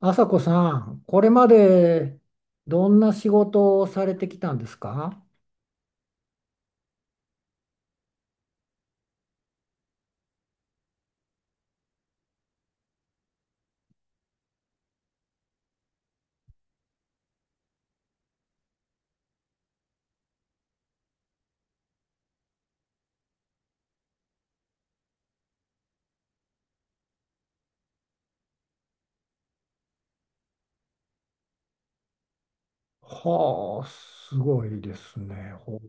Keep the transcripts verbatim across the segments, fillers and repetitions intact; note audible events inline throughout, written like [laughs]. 朝子さん、これまでどんな仕事をされてきたんですか？はあ、すごいですね。ほう。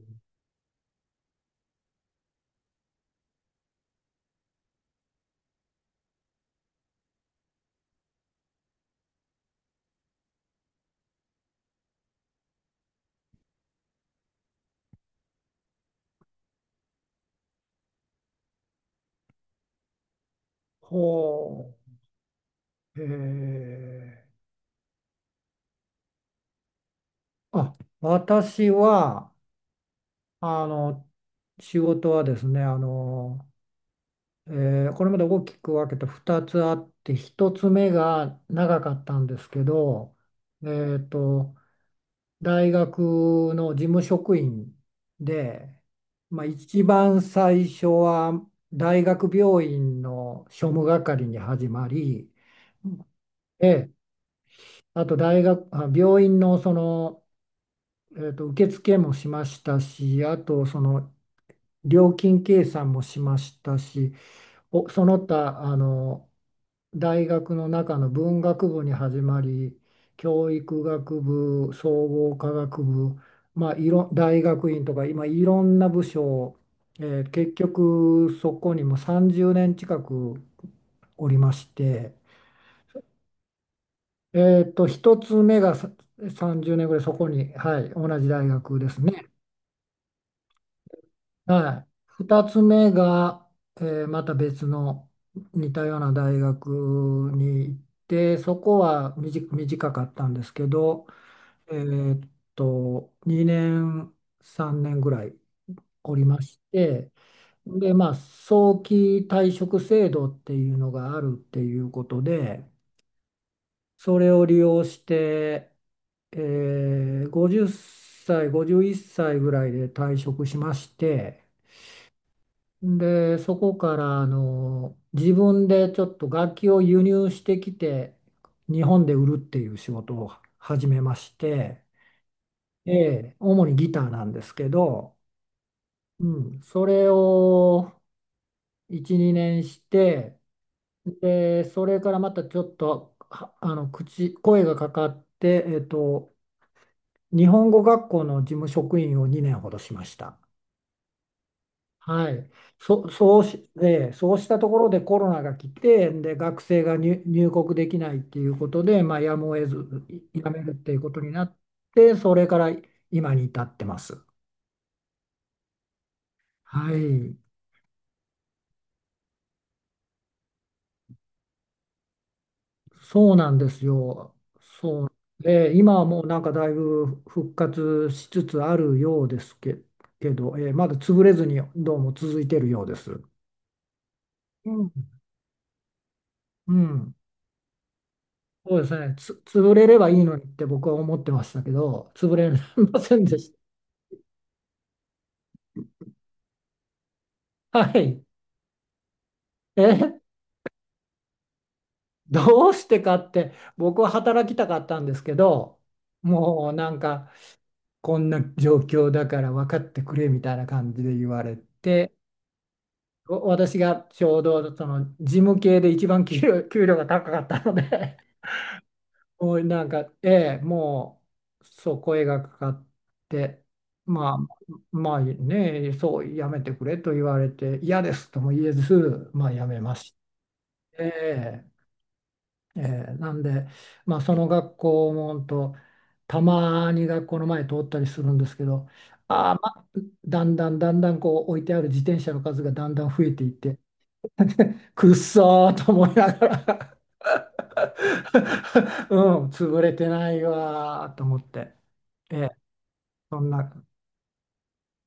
ほう。えーあ、私は、あの、仕事はですね、あの、えーこれまで大きく分けてふたつあって、ひとつめが長かったんですけど、えっと、大学の事務職員で、まあ、一番最初は大学病院の庶務係に始まり、ええ、あと大学、あ、病院のその、えっと、受付もしましたし、あとその料金計算もしましたし、お、その他、あの、大学の中の文学部に始まり教育学部総合科学部、まあ、いろ大学院とか今いろんな部署、えー結局そこにもうさんじゅうねん近くおりまして、えーっと、一つ目がささんじゅうねんぐらいそこに、はい、同じ大学ですね。はい。ふたつめが、えーまた別の似たような大学に行って、そこは短短かったんですけど、えーっと、にねん、さんねんぐらいおりまして、で、まあ、早期退職制度っていうのがあるっていうことで、それを利用して、えーごじゅっさい、ごじゅういっさいぐらいで退職しまして、で、そこからあの自分でちょっと楽器を輸入してきて日本で売るっていう仕事を始めまして、ええ、主にギターなんですけど、うん、それをいち、にねんして、で、それからまたちょっとはあの口、声がかかって、えっと、日本語学校の事務職員をにねんほどしました。はい、そ、そうし、で、そうしたところでコロナが来て、で、学生が入、入国できないっていうことで、まあ、やむを得ず、いやめるっていうことになって、それから今に至ってます。はい、そうなんですよ。そう。で、今はもうなんかだいぶ復活しつつあるようですけ、けど、えーまだ潰れずにどうも続いてるようです。うん。うんそうですね、つ、潰れればいいのにって僕は思ってましたけど、潰れませんでした。はい。え、どうしてかって、僕は働きたかったんですけど、もうなんか、こんな状況だから分かってくれみたいな感じで言われて、お私がちょうどその事務系で一番給料、給料が高かったのでもうなんか、ええ、もう、そう、声がかかって、まあ、まあね、そう、やめてくれと言われて、嫌ですとも言えず、まあ、やめまして、ええ、なんで、まあ、その学校もほんとたまに学校の前通ったりするんですけど、ああ、まあ、だんだんだんだんこう置いてある自転車の数がだんだん増えていって、くっそーと思いながら [laughs] うん、潰れてないわーと思って。ええ、そんな、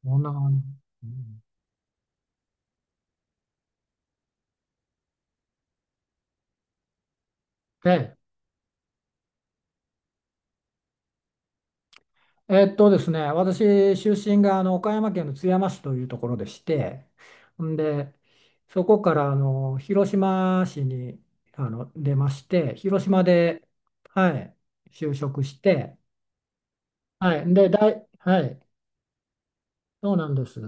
そんな感じ。うん。で、えっとですね、私、出身があの岡山県の津山市というところでして、んで、そこからあの広島市にあの出まして、広島で、はい、就職して、はい、で、大、はい、そうなんです。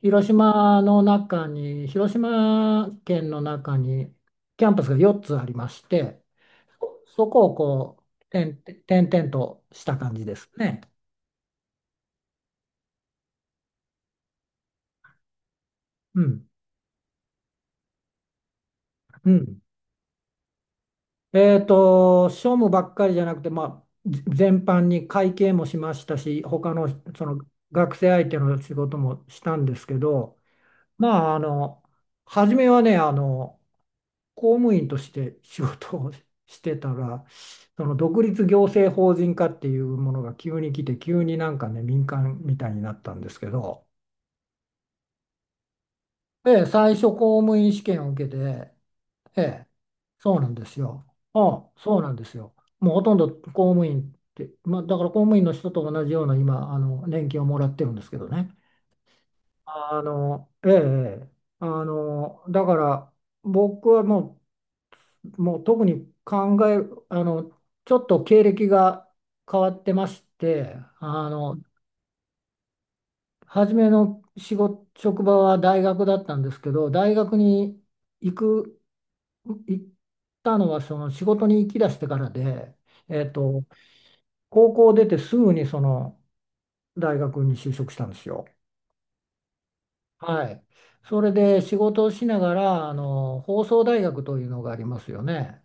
広島の中に、広島県の中にキャンパスがよっつありまして、そそこをこう、点々点々とした感じですね。うん。うん。えっと、庶務ばっかりじゃなくて、まあ、ぜ全般に会計もしましたし、他のその学生相手の仕事もしたんですけど、まあ、あの、初めはね、あの、公務員として仕事をしてたら、その独立行政法人化っていうものが急に来て、急になんかね、民間みたいになったんですけど、で、最初公務員試験を受けて、ええ、そうなんですよ。ああ、そうなんですよ。もうほとんど公務員って、まあ、だから公務員の人と同じような今、あの、年金をもらってるんですけどね。あの、ええ、ええあの、だから僕はもう、もう特に考え、あの、ちょっと経歴が変わってまして、あの、初めの仕事、職場は大学だったんですけど、大学に行く、行ったのはその仕事に行き出してからで、えっと、高校出てすぐにその大学に就職したんですよ。はい。それで仕事をしながら、あの、放送大学というのがありますよね。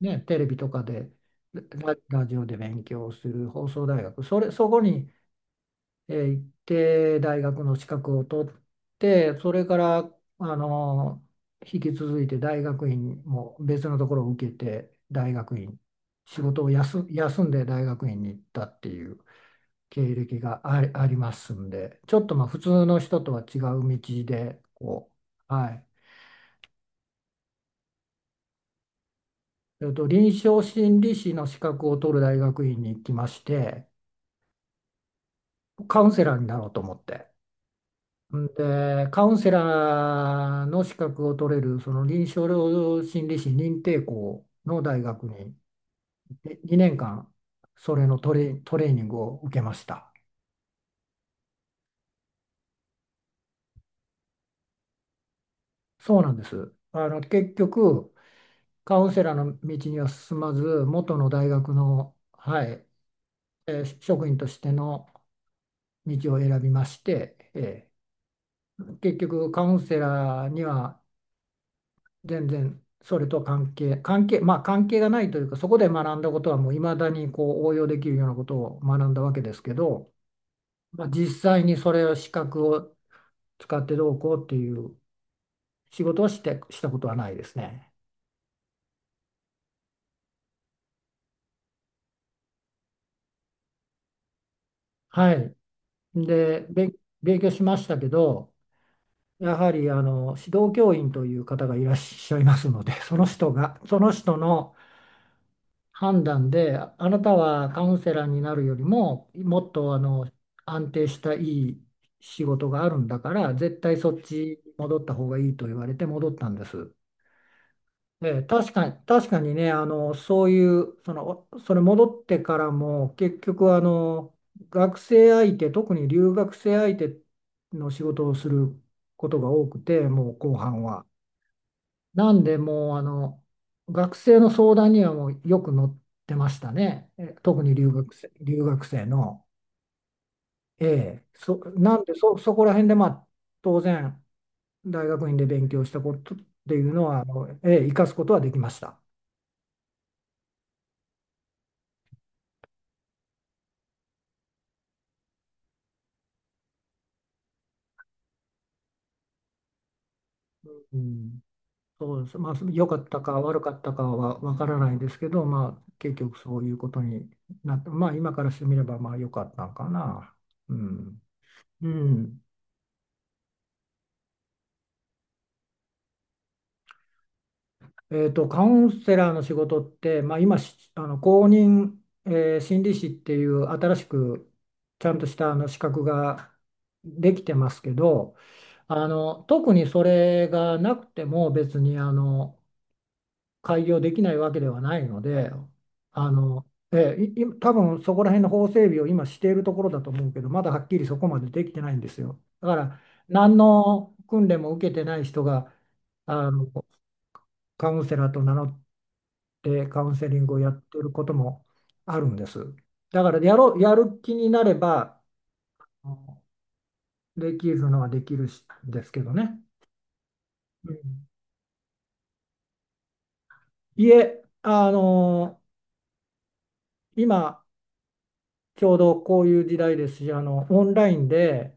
ね、テレビとかで、ラ、ラジオで勉強する放送大学。それ、そこに、えー行って、大学の資格を取って、それから、あの、引き続いて大学院も別のところを受けて、大学院、仕事を休、休んで大学院に行ったっていう。経歴があり、ありますんで、ちょっとまあ普通の人とは違う道で、こう、はい。えっと、臨床心理士の資格を取る大学院に行きまして、カウンセラーになろうと思って。んで、カウンセラーの資格を取れる、その臨床心理士認定校の大学ににねんかん、それのトレ、トレーニングを受けました。そうなんです。あの、結局、カウンセラーの道には進まず、元の大学の、はい、えー職員としての道を選びまして、えー結局カウンセラーには全然それと関係、関係、まあ関係がないというか、そこで学んだことはもう未だにこう応用できるようなことを学んだわけですけど、まあ、実際にそれを資格を使ってどうこうっていう仕事をして、したことはないですね。はい。で、勉勉強しましたけど、やはりあの指導教員という方がいらっしゃいますので、[laughs] その人が、その人の判断で、ああなたはカウンセラーになるよりも、もっとあの安定したいい仕事があるんだから、絶対そっちに戻った方がいいと言われて戻ったんです。ええ確かに、確かにね、あのそういう、その、おそれ戻ってからも、結局あの、学生相手、特に留学生相手の仕事をすることが多くて、もう後半は。なんでもうあの学生の相談にはもうよく乗ってましたね。え特に留学生、留学生の。ええ、そ、なんでそ、そこら辺でまあ当然大学院で勉強したことっていうのはあの、ええ、生かすことはできました。うん、そうです。まあ良かったか悪かったかはわからないですけど、まあ結局そういうことになって、まあ今からしてみればまあ良かったのかな。うん。うん。えーと、カウンセラーの仕事って、まあ、今しあの公認、えー心理師っていう新しくちゃんとしたあの資格ができてますけどあの特にそれがなくても別にあの開業できないわけではないのであの、えーいい多分そこら辺の法整備を今しているところだと思うけどまだはっきりそこまでできてないんですよ。だから何の訓練も受けてない人があのカウンセラーと名乗ってカウンセリングをやってることもあるんです。だからやろう、やる気になればうんできるのはできるしですけどね。うん、いえ、あの今ちょうどこういう時代ですし、あのオンラインで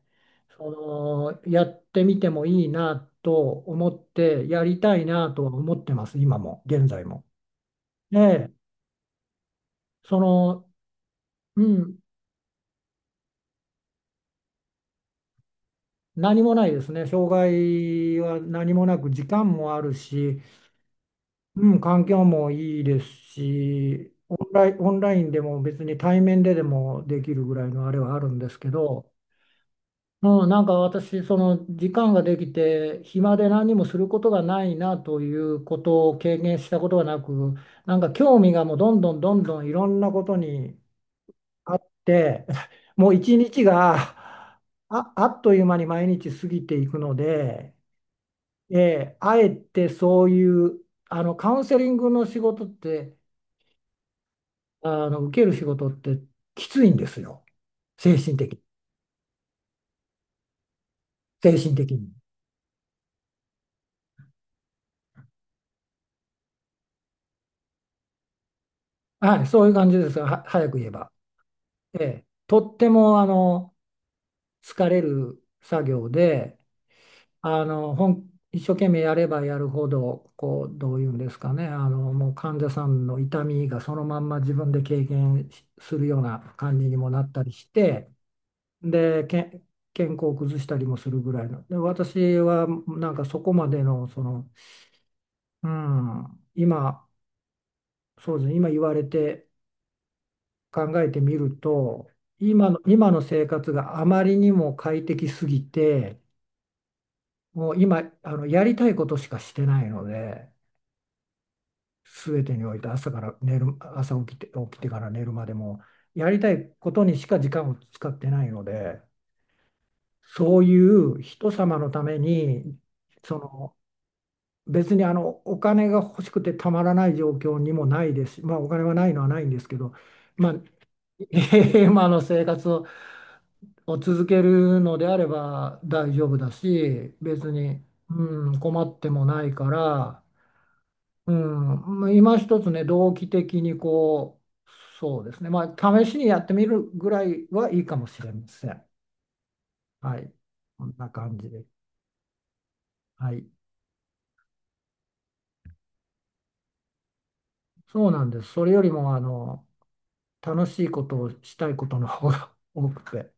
そのやってみてもいいなと思ってやりたいなとは思ってます、今も現在も。ええその、うん、何もないですね。障害は何もなく時間もあるし、うん、環境もいいですし、オンライン、オンラインでも別に対面ででもできるぐらいのあれはあるんですけど、うん、なんか私、その時間ができて、暇で何もすることがないなということを経験したことがなく、なんか興味がもうどんどんどんどんいろんなことにあって、[laughs] もう一日があ、あっという間に毎日過ぎていくので、えーあえてそういう、あのカウンセリングの仕事って、あの、受ける仕事ってきついんですよ。精神的、精神的に。はい、そういう感じですは、早く言えば。ええ、とっても、あの、疲れる作業で、あの、本一生懸命やればやるほど、こう、どういうんですかね、あの、もう患者さんの痛みがそのまんま自分で経験しするような感じにもなったりして、で、け健康を崩したりもするぐらいの。で、私はなんかそこまでの、その、うん、今、そうですね、今言われて考えてみると、今の、今の生活があまりにも快適すぎて、もう今、あの、やりたいことしかしてないので、全てにおいて朝から寝る、朝起きて、起きてから寝るまでも、やりたいことにしか時間を使ってないので、そういう人様のために、その、別にあの、お金が欲しくてたまらない状況にもないですし、まあお金はないのはないんですけど、まあ、[laughs] 今の生活を、を続けるのであれば大丈夫だし、別に、うん、困ってもないから、うん、まあ今一つね、動機的にこう、そうですね、まあ、試しにやってみるぐらいはいいかもしれません。はい、こんな感じで。はい、そうなんです。それよりも、あの、楽しいことをしたいことの方が多くて。